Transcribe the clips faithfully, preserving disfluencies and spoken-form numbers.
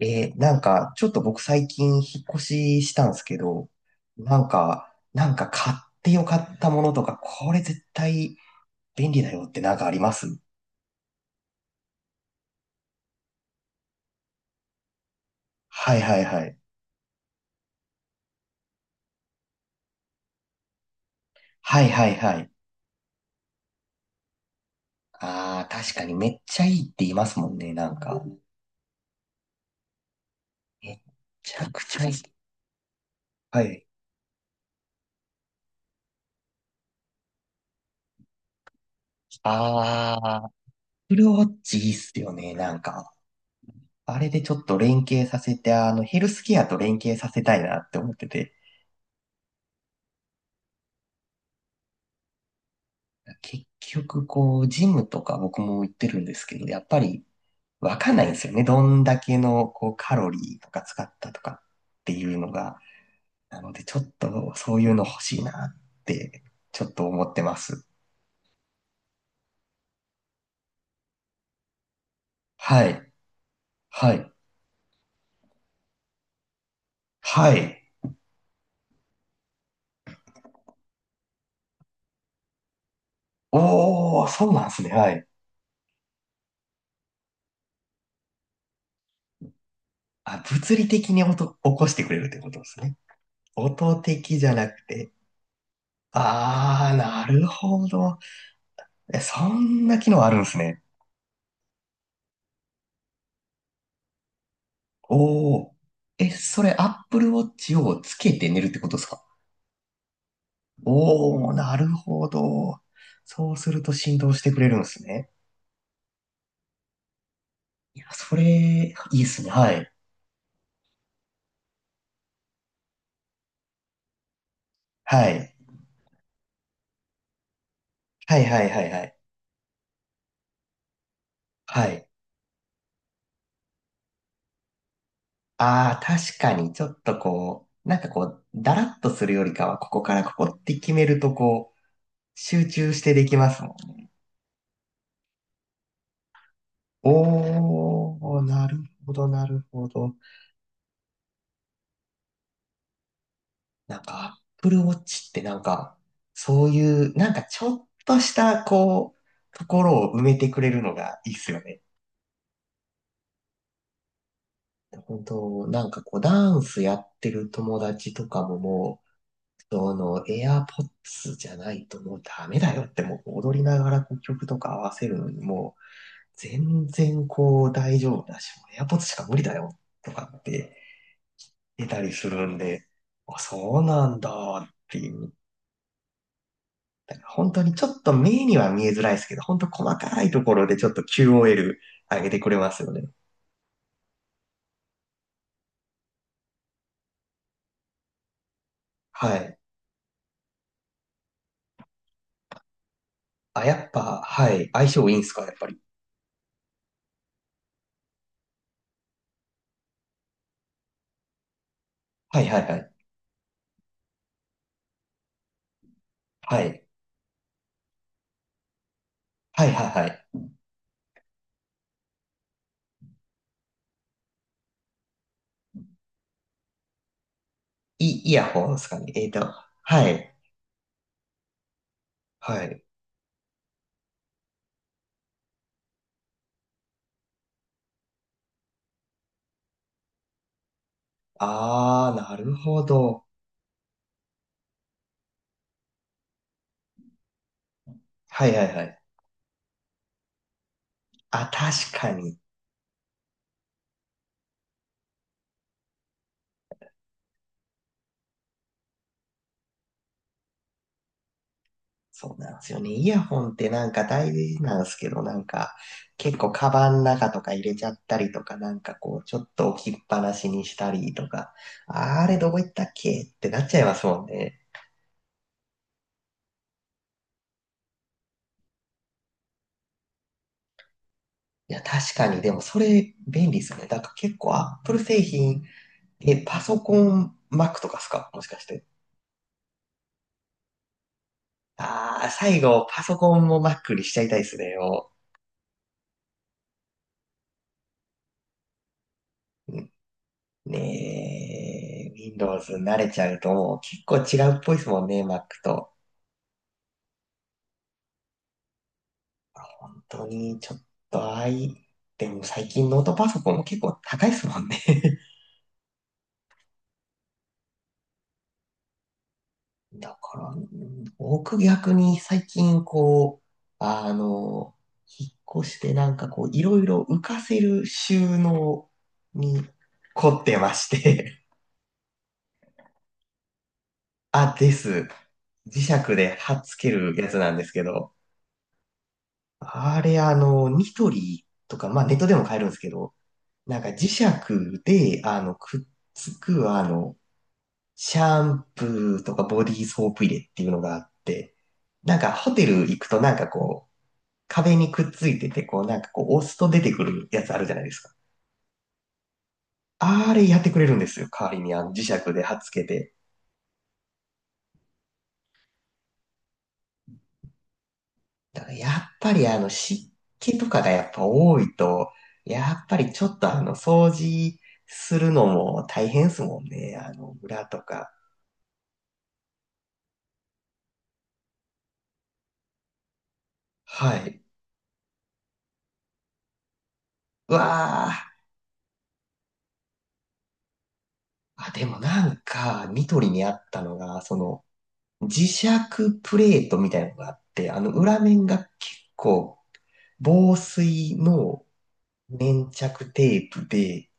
えーなんか、ちょっと僕最近引っ越ししたんですけど、なんか、なんか買ってよかったものとか、これ絶対便利だよってなんかありますはいはいはい。はいはいはい。ああ、確かにめっちゃいいって言いますもんね、なんか。めっちゃくちゃいい。はい。ああ、アップルウォッチいいっすよね、なんか。あれでちょっと連携させて、あの、ヘルスケアと連携させたいなって思ってて。結局、こう、ジムとか僕も行ってるんですけど、やっぱりわかんないんですよね。どんだけの、こう、カロリーとか使ったとかっていうのが。なので、ちょっとそういうの欲しいなって、ちょっと思ってます。はい。はい。はい。おー、そうなんですね。はい。あ、物理的に音、起こしてくれるってことですね。音的じゃなくて。あー、なるほど。え、そんな機能あるんですね。おお、え、それ、Apple Watch をつけて寝るってことですかおおー、なるほど。そうすると振動してくれるんですね。いや、それ、いいっすね。はい。はい。はいはいはいはい。はい。ああ、確かに、ちょっとこう、なんかこう、だらっとするよりかは、ここからここって決めると、こう、集中してできますもんね。おー、なるほど、なるほど。なんか、Apple Watch ってなんか、そういう、なんかちょっとした、こう、ところを埋めてくれるのがいいっすよね。本当、なんかこう、ダンスやってる友達とかももう、その、AirPods じゃないともうダメだよって、もう踊りながらこう曲とか合わせるのにもう、全然こう、大丈夫だし、もう AirPods しか無理だよとかって出たりするんで、あ、そうなんだっていう。本当にちょっと目には見えづらいですけど、本当細かいところでちょっと キューオーエル 上げてくれますよね。はい。あ、やっぱ、はい。相性いいんすか、やっぱり。はいはいはい。はい。はいはいはい。イ、イヤホンですかね。えーと、はい。はい。あー、なるほど。はいはいはい。あ、確かに。そうなんですよね。イヤホンってなんか大事なんですけど、なんか結構カバンの中とか入れちゃったりとか、なんかこうちょっと置きっぱなしにしたりとか、あれどこ行ったっけってなっちゃいますもんね。いや、確かに、でもそれ便利ですよね。だから結構 Apple 製品、え、パソコン Mac とかですかもしかして。ああ、最後パソコンも Mac にしちゃいたいですね。もうねえ、Windows 慣れちゃうともう結構違うっぽいですもんね、Mac と。当にちょっとあい、でも最近ノートパソコンも結構高いですもんね。だから、僕逆に最近こう、あの、引っ越してなんかこう、いろいろ浮かせる収納に凝ってまして、あ、です。磁石で貼っつけるやつなんですけど、あれあの、ニトリとか、まあネットでも買えるんですけど、なんか磁石で、あの、くっつくあの、シャンプーとかボディーソープ入れっていうのがあって、なんかホテル行くとなんかこう、壁にくっついてて、こうなんかこう押すと出てくるやつあるじゃないですか。あれやってくれるんですよ。代わりにあの磁石で貼っつけて。だからやっぱりあの湿気とかがやっぱ多いと、やっぱりちょっとあの掃除するのも大変ですもんね。あの裏とか。はい。うわー。あ、でもなんか、ニトリにあったのが、その、磁石プレートみたいなのがあって、あの裏面が結構防水の粘着テープで、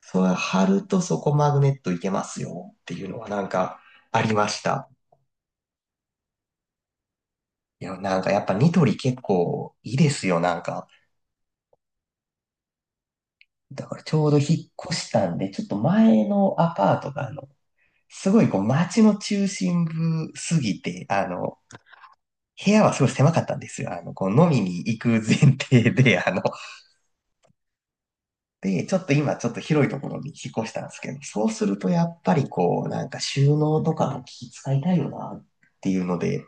それ貼るとそこマグネットいけますよっていうのはなんかありました。いや、なんかやっぱニトリ結構いいですよ、なんか。だからちょうど引っ越したんで、ちょっと前のアパートがあの、すごいこう街の中心部すぎて、あの、部屋はすごい狭かったんですよ。あの、こう飲みに行く前提で、あの、で、ちょっと今ちょっと広いところに引っ越したんですけど、そうするとやっぱりこう、なんか収納とかも気使いたいよなっていうので、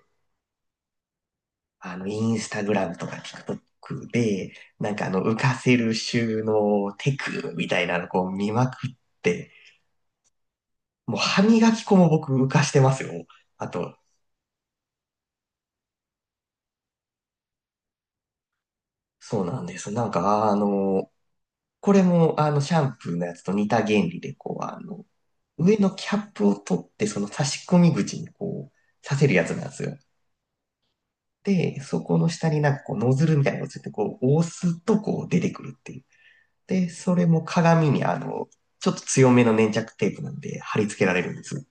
あの、インスタグラムとか TikTok で、なんかあの、浮かせる収納テクみたいなのこう見まくって、もう歯磨き粉も僕浮かしてますよ。あと、そうなんです。なんか、あの、これもあの、シャンプーのやつと似た原理で、こう、あの、上のキャップを取って、その差し込み口にこう、させるやつなんですよ。で、そこの下になんかこうノズルみたいなのがついて、こう押すとこう出てくるっていう。で、それも鏡にあの、ちょっと強めの粘着テープなんで貼り付けられるんです。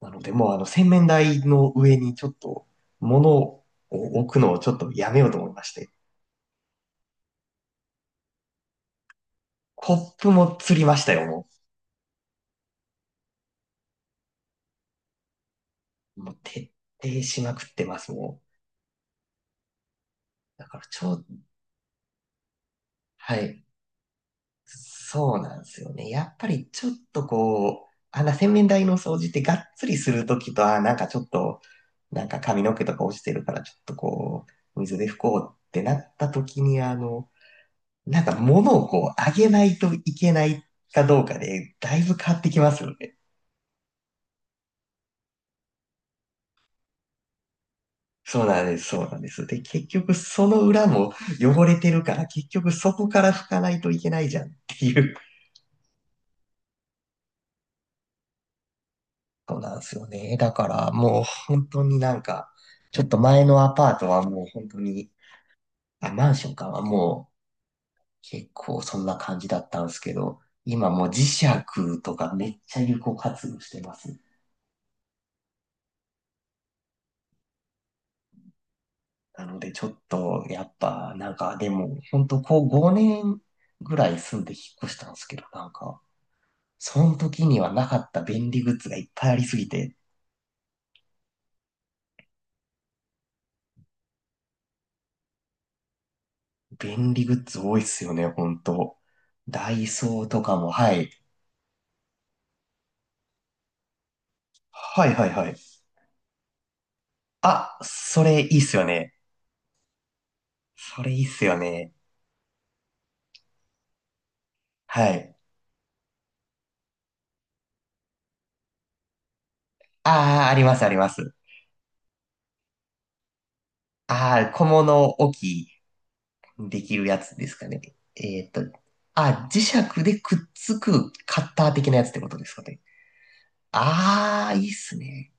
なので、もうあの洗面台の上にちょっと物を置くのをちょっとやめようと思いまして。コップも釣りましたよ、もう。もう徹底しまくってます、もう。だからちょ、はい。そうなんですよね。やっぱりちょっとこう、あんな洗面台の掃除ってがっつりするときと、あー、なんかちょっと、なんか髪の毛とか落ちてるからちょっとこう、水で拭こうってなったときに、あの、なんか物をこう、あげないといけないかどうかで、だいぶ変わってきますよね。そうなんです、そうなんです。で、結局その裏も汚れてるから、結局そこから拭かないといけないじゃんっていう。そうなんですよね。だからもう本当になんか、ちょっと前のアパートはもう本当に、あ、マンションかはもう結構そんな感じだったんですけど、今もう磁石とかめっちゃ有効活用してます。なのでちょっとやっぱなんかでも本当こうごねんぐらい住んで引っ越したんですけど、なんか、その時にはなかった便利グッズがいっぱいありすぎて、便利グッズ多いっすよね、本当。ダイソーとかも、はい。はいはいはい。あ、それいいっすよね。それいいっすよね。はい。ああ、あります、あります。ああ、小物置きできるやつですかね。えーっと、あ、磁石でくっつくカッター的なやつってことですかね。ああ、いいっすね。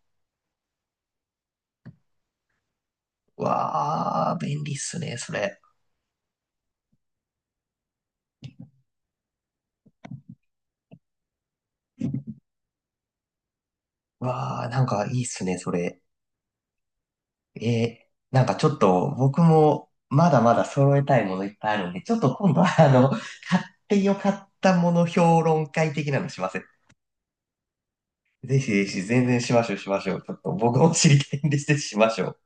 わあ、便利っすね、それ。わあ、なんかいいっすね、それ。えーなんかちょっと僕もまだまだ揃えたいものいっぱいあるんで、ちょっと今度はあの、買ってよかったもの評論会的なのしませんぜひぜひ、全然しましょう、しましょう。ちょっと僕も知りたいんでしてしましょう。